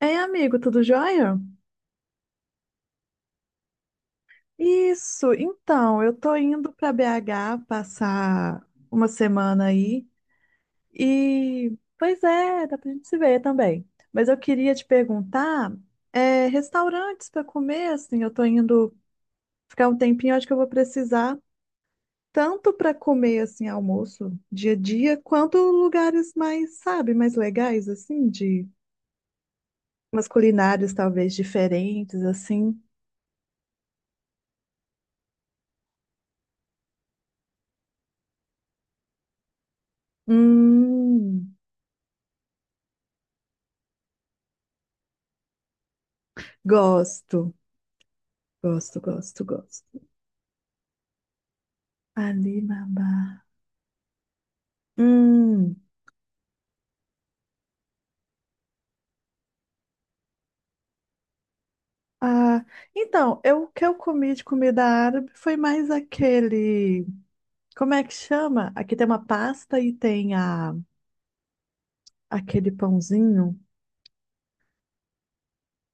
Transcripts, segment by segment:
Ei, amigo, tudo jóia? Isso, então, eu tô indo pra BH passar uma semana aí e, pois é, dá pra gente se ver também. Mas eu queria te perguntar, é, restaurantes pra comer, assim, eu tô indo ficar um tempinho, acho que eu vou precisar tanto pra comer, assim, almoço, dia a dia, quanto lugares mais, sabe, mais legais, assim, de umas culinárias talvez diferentes, assim. Hum, gosto. Gosto, gosto, gosto. Alibaba. Hum. Ah, então, eu, o que eu comi de comida árabe foi mais aquele. Como é que chama? Aqui tem uma pasta e tem a, aquele pãozinho.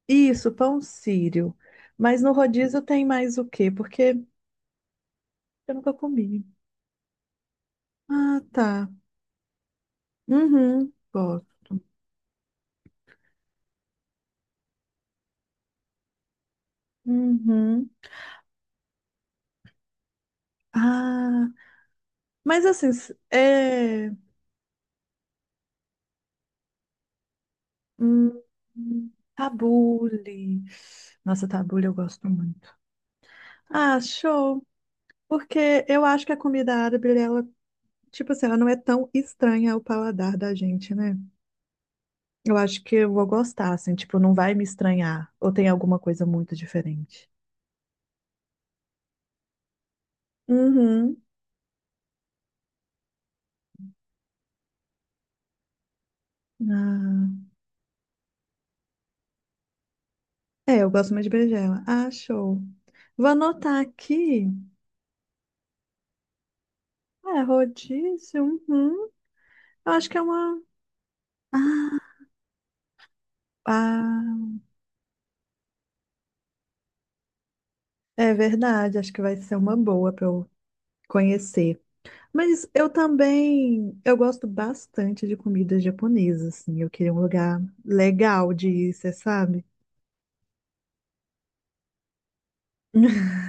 Isso, pão sírio. Mas no rodízio tem mais o quê? Porque eu nunca comi. Ah, tá. Uhum, gosto. Uhum. Ah, mas assim, é. Hum, tabule. Nossa, tabule eu gosto muito. Ah, show! Porque eu acho que a comida árabe, ela, tipo assim, ela não é tão estranha ao paladar da gente, né? Eu acho que eu vou gostar, assim, tipo, não vai me estranhar. Ou tem alguma coisa muito diferente. Uhum. Ah, é, eu gosto mais de berinjela. Ah, show. Vou anotar aqui. É, rodízio. Uhum. Eu acho que é uma. Ah, ah, é verdade. Acho que vai ser uma boa para eu conhecer. Mas eu também, eu gosto bastante de comidas japonesas, assim. Eu queria um lugar legal de ir, você sabe?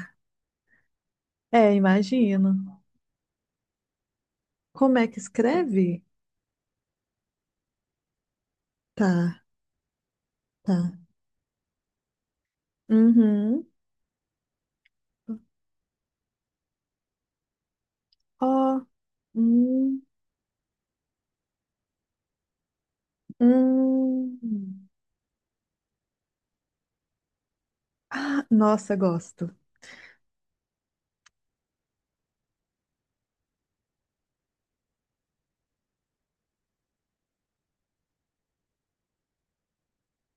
É, imagino. Como é que escreve? Tá, tá. Uhum. Ó, hum, hum. Ah, nossa, gosto.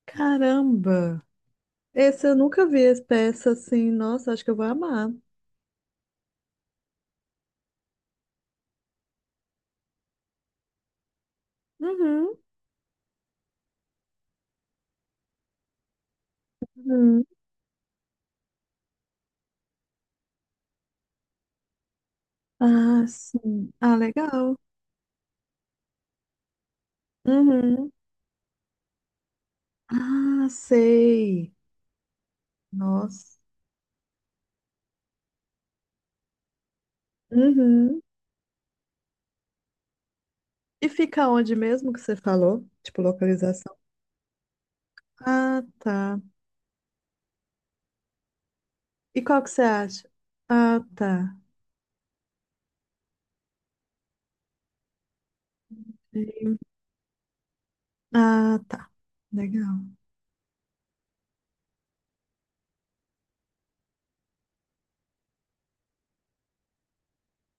Caramba! Esse eu nunca vi essa peça assim. Nossa, acho que eu vou amar. Uhum, uhum. Ah, sim. Ah, legal. Uhum. Ah, sei. Nossa. Uhum. E fica onde mesmo que você falou? Tipo, localização. Ah, tá. E qual que você acha? Ah, tá. E- Ah, tá. Legal.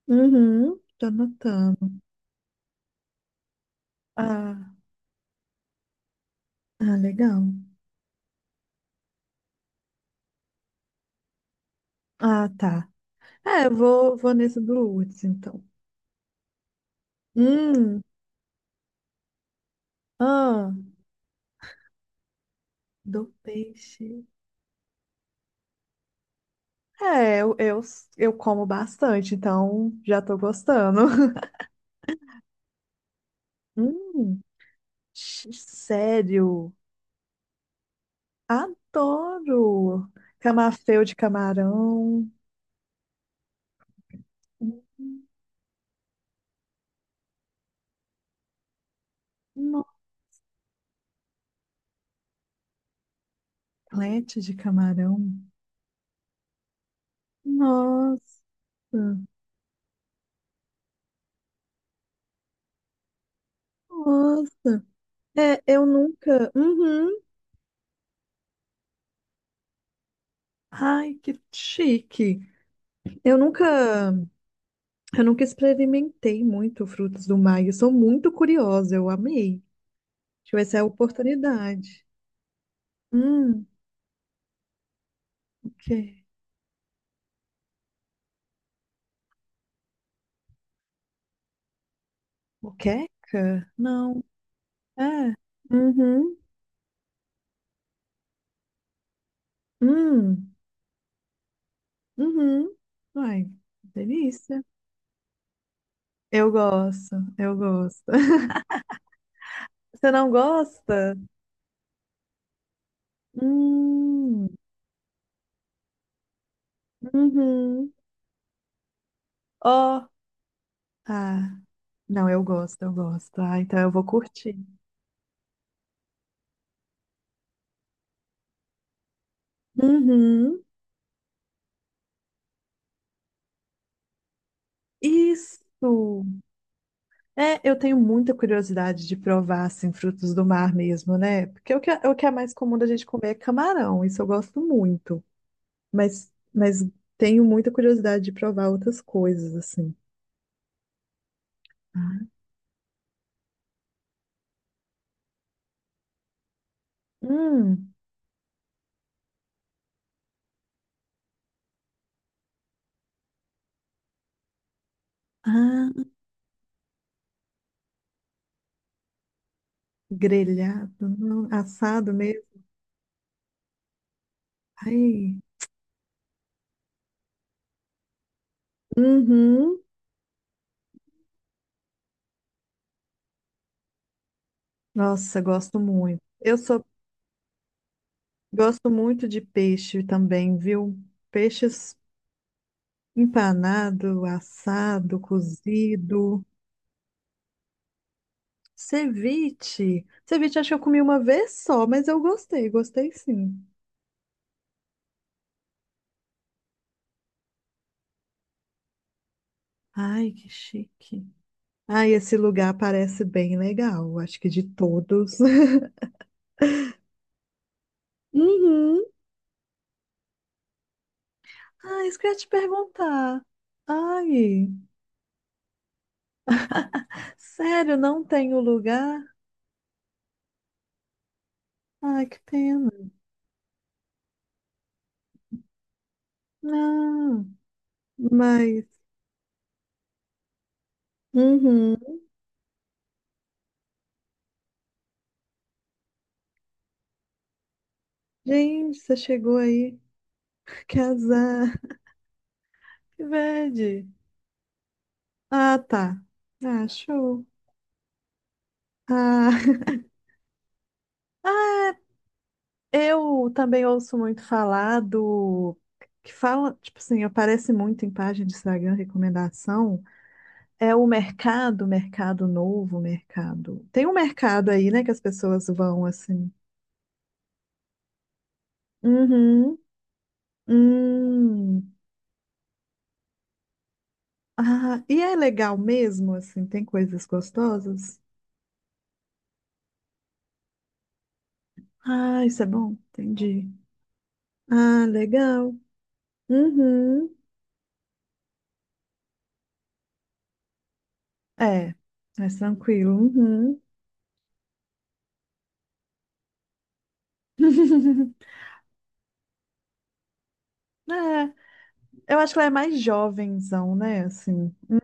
Uhum. Tô anotando. Ah, ah, legal. Ah, tá. É, eu vou nesse Blue Woods, então. Hum, ah, do peixe. É, eu como bastante, então já tô gostando. Hum, x- sério? Adoro! Camafeu de camarão, um omelete de camarão. Nossa, nossa. É, eu nunca. Uhum. Ai, que chique. Eu nunca, eu nunca experimentei muito frutos do mar. Eu sou muito curiosa, eu amei. Deixa eu ver se é a oportunidade. Hum, o quê? Moqueca? Não. É. Uhum. Hum. Uhum. Ai, delícia. Eu gosto, eu gosto. Você não gosta? Hum, uhum. Ó, ah, não, eu gosto, eu gosto. Ah, então eu vou curtir. Uhum. Isso. É, eu tenho muita curiosidade de provar, assim, frutos do mar mesmo, né? Porque o que, o que é mais comum da gente comer é camarão, isso eu gosto muito. Mas tenho muita curiosidade de provar outras coisas, assim. Ah. Hum. Ah, grelhado, não, assado mesmo. Ai, uhum. Nossa, gosto muito. Eu sou, gosto muito de peixe também, viu? Peixes empanado, assado, cozido, ceviche. Ceviche acho que eu comi uma vez só, mas eu gostei, gostei sim. Ai, que chique. Ai, esse lugar parece bem legal, acho que de todos. Uhum. Ah, isso que eu ia te perguntar. Ai, sério, não tem o lugar? Ai, que pena. Ah. Mas, uhum. Gente, você chegou aí. Que azar. Que bad. Ah, tá. Ah, show. Ah, ah, eu também ouço muito falar do. Que fala, tipo assim, aparece muito em página de Instagram, recomendação. É o mercado, mercado novo, mercado. Tem um mercado aí, né, que as pessoas vão assim. Uhum. Hum. Ah, e é legal mesmo, assim, tem coisas gostosas? Ah, isso é bom, entendi. Ah, legal. Uhum. É, mais tranquilo. Uhum. É, eu acho que ela é mais jovenzão, né? Assim.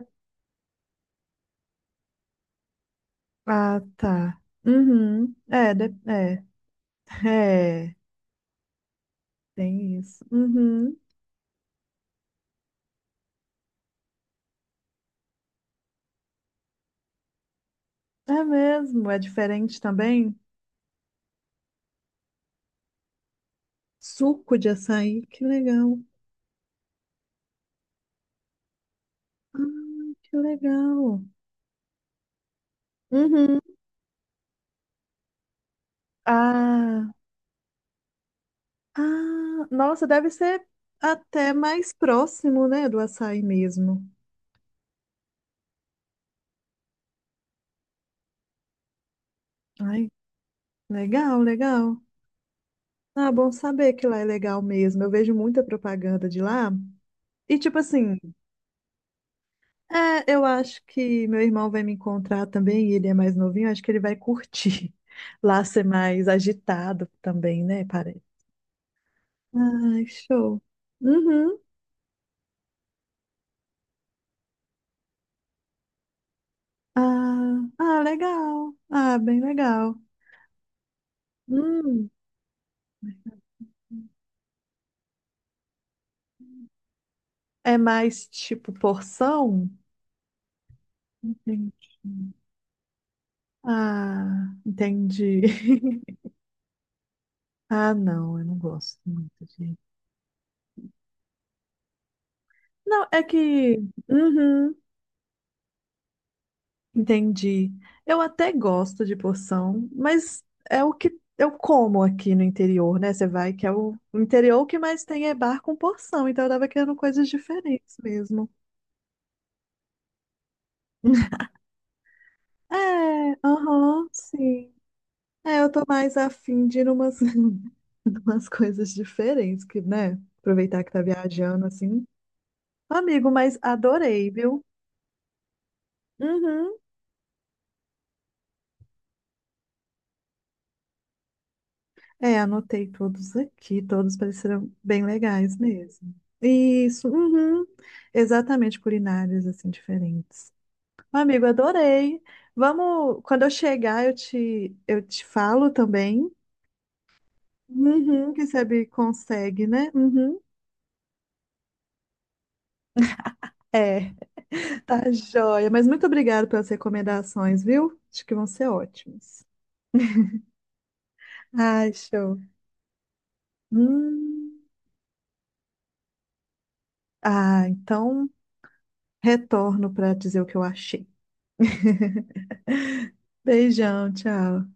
Ah, tá. Uhum. É, é, é, tem isso. Uhum. É mesmo, é diferente também. Suco de açaí, que legal. Ah, que legal. Uhum. Ah. Ah, nossa, deve ser até mais próximo, né, do açaí mesmo. Ai, legal, legal. Ah, bom saber que lá é legal mesmo. Eu vejo muita propaganda de lá. E tipo assim, é, eu acho que meu irmão vai me encontrar também, e ele é mais novinho, acho que ele vai curtir lá ser mais agitado também, né, parece. Ai, show. Uhum. Ah, ah, legal. Ah, bem legal. Hum. É mais tipo porção? Entendi. Ah, entendi. Ah, não, eu não gosto muito de. Não, é que. Uhum, entendi. Eu até gosto de porção, mas é o que eu como aqui no interior, né? Você vai que é o interior o que mais tem é bar com porção, então eu tava querendo coisas diferentes mesmo. É, aham, sim. É, eu tô mais afim de ir numas, numas coisas diferentes, que, né? Aproveitar que tá viajando assim. Amigo, mas adorei, viu? Uhum. É, anotei todos aqui, todos pareceram bem legais mesmo. Isso, uhum. Exatamente, culinárias assim diferentes. Amigo, adorei. Vamos, quando eu chegar, eu te falo também. Uhum. Quem sabe consegue, né? Uhum. É. Tá joia. Mas muito obrigada pelas recomendações, viu? Acho que vão ser ótimas. Ai, show. Hum, ah, então. Retorno para dizer o que eu achei. Beijão, tchau.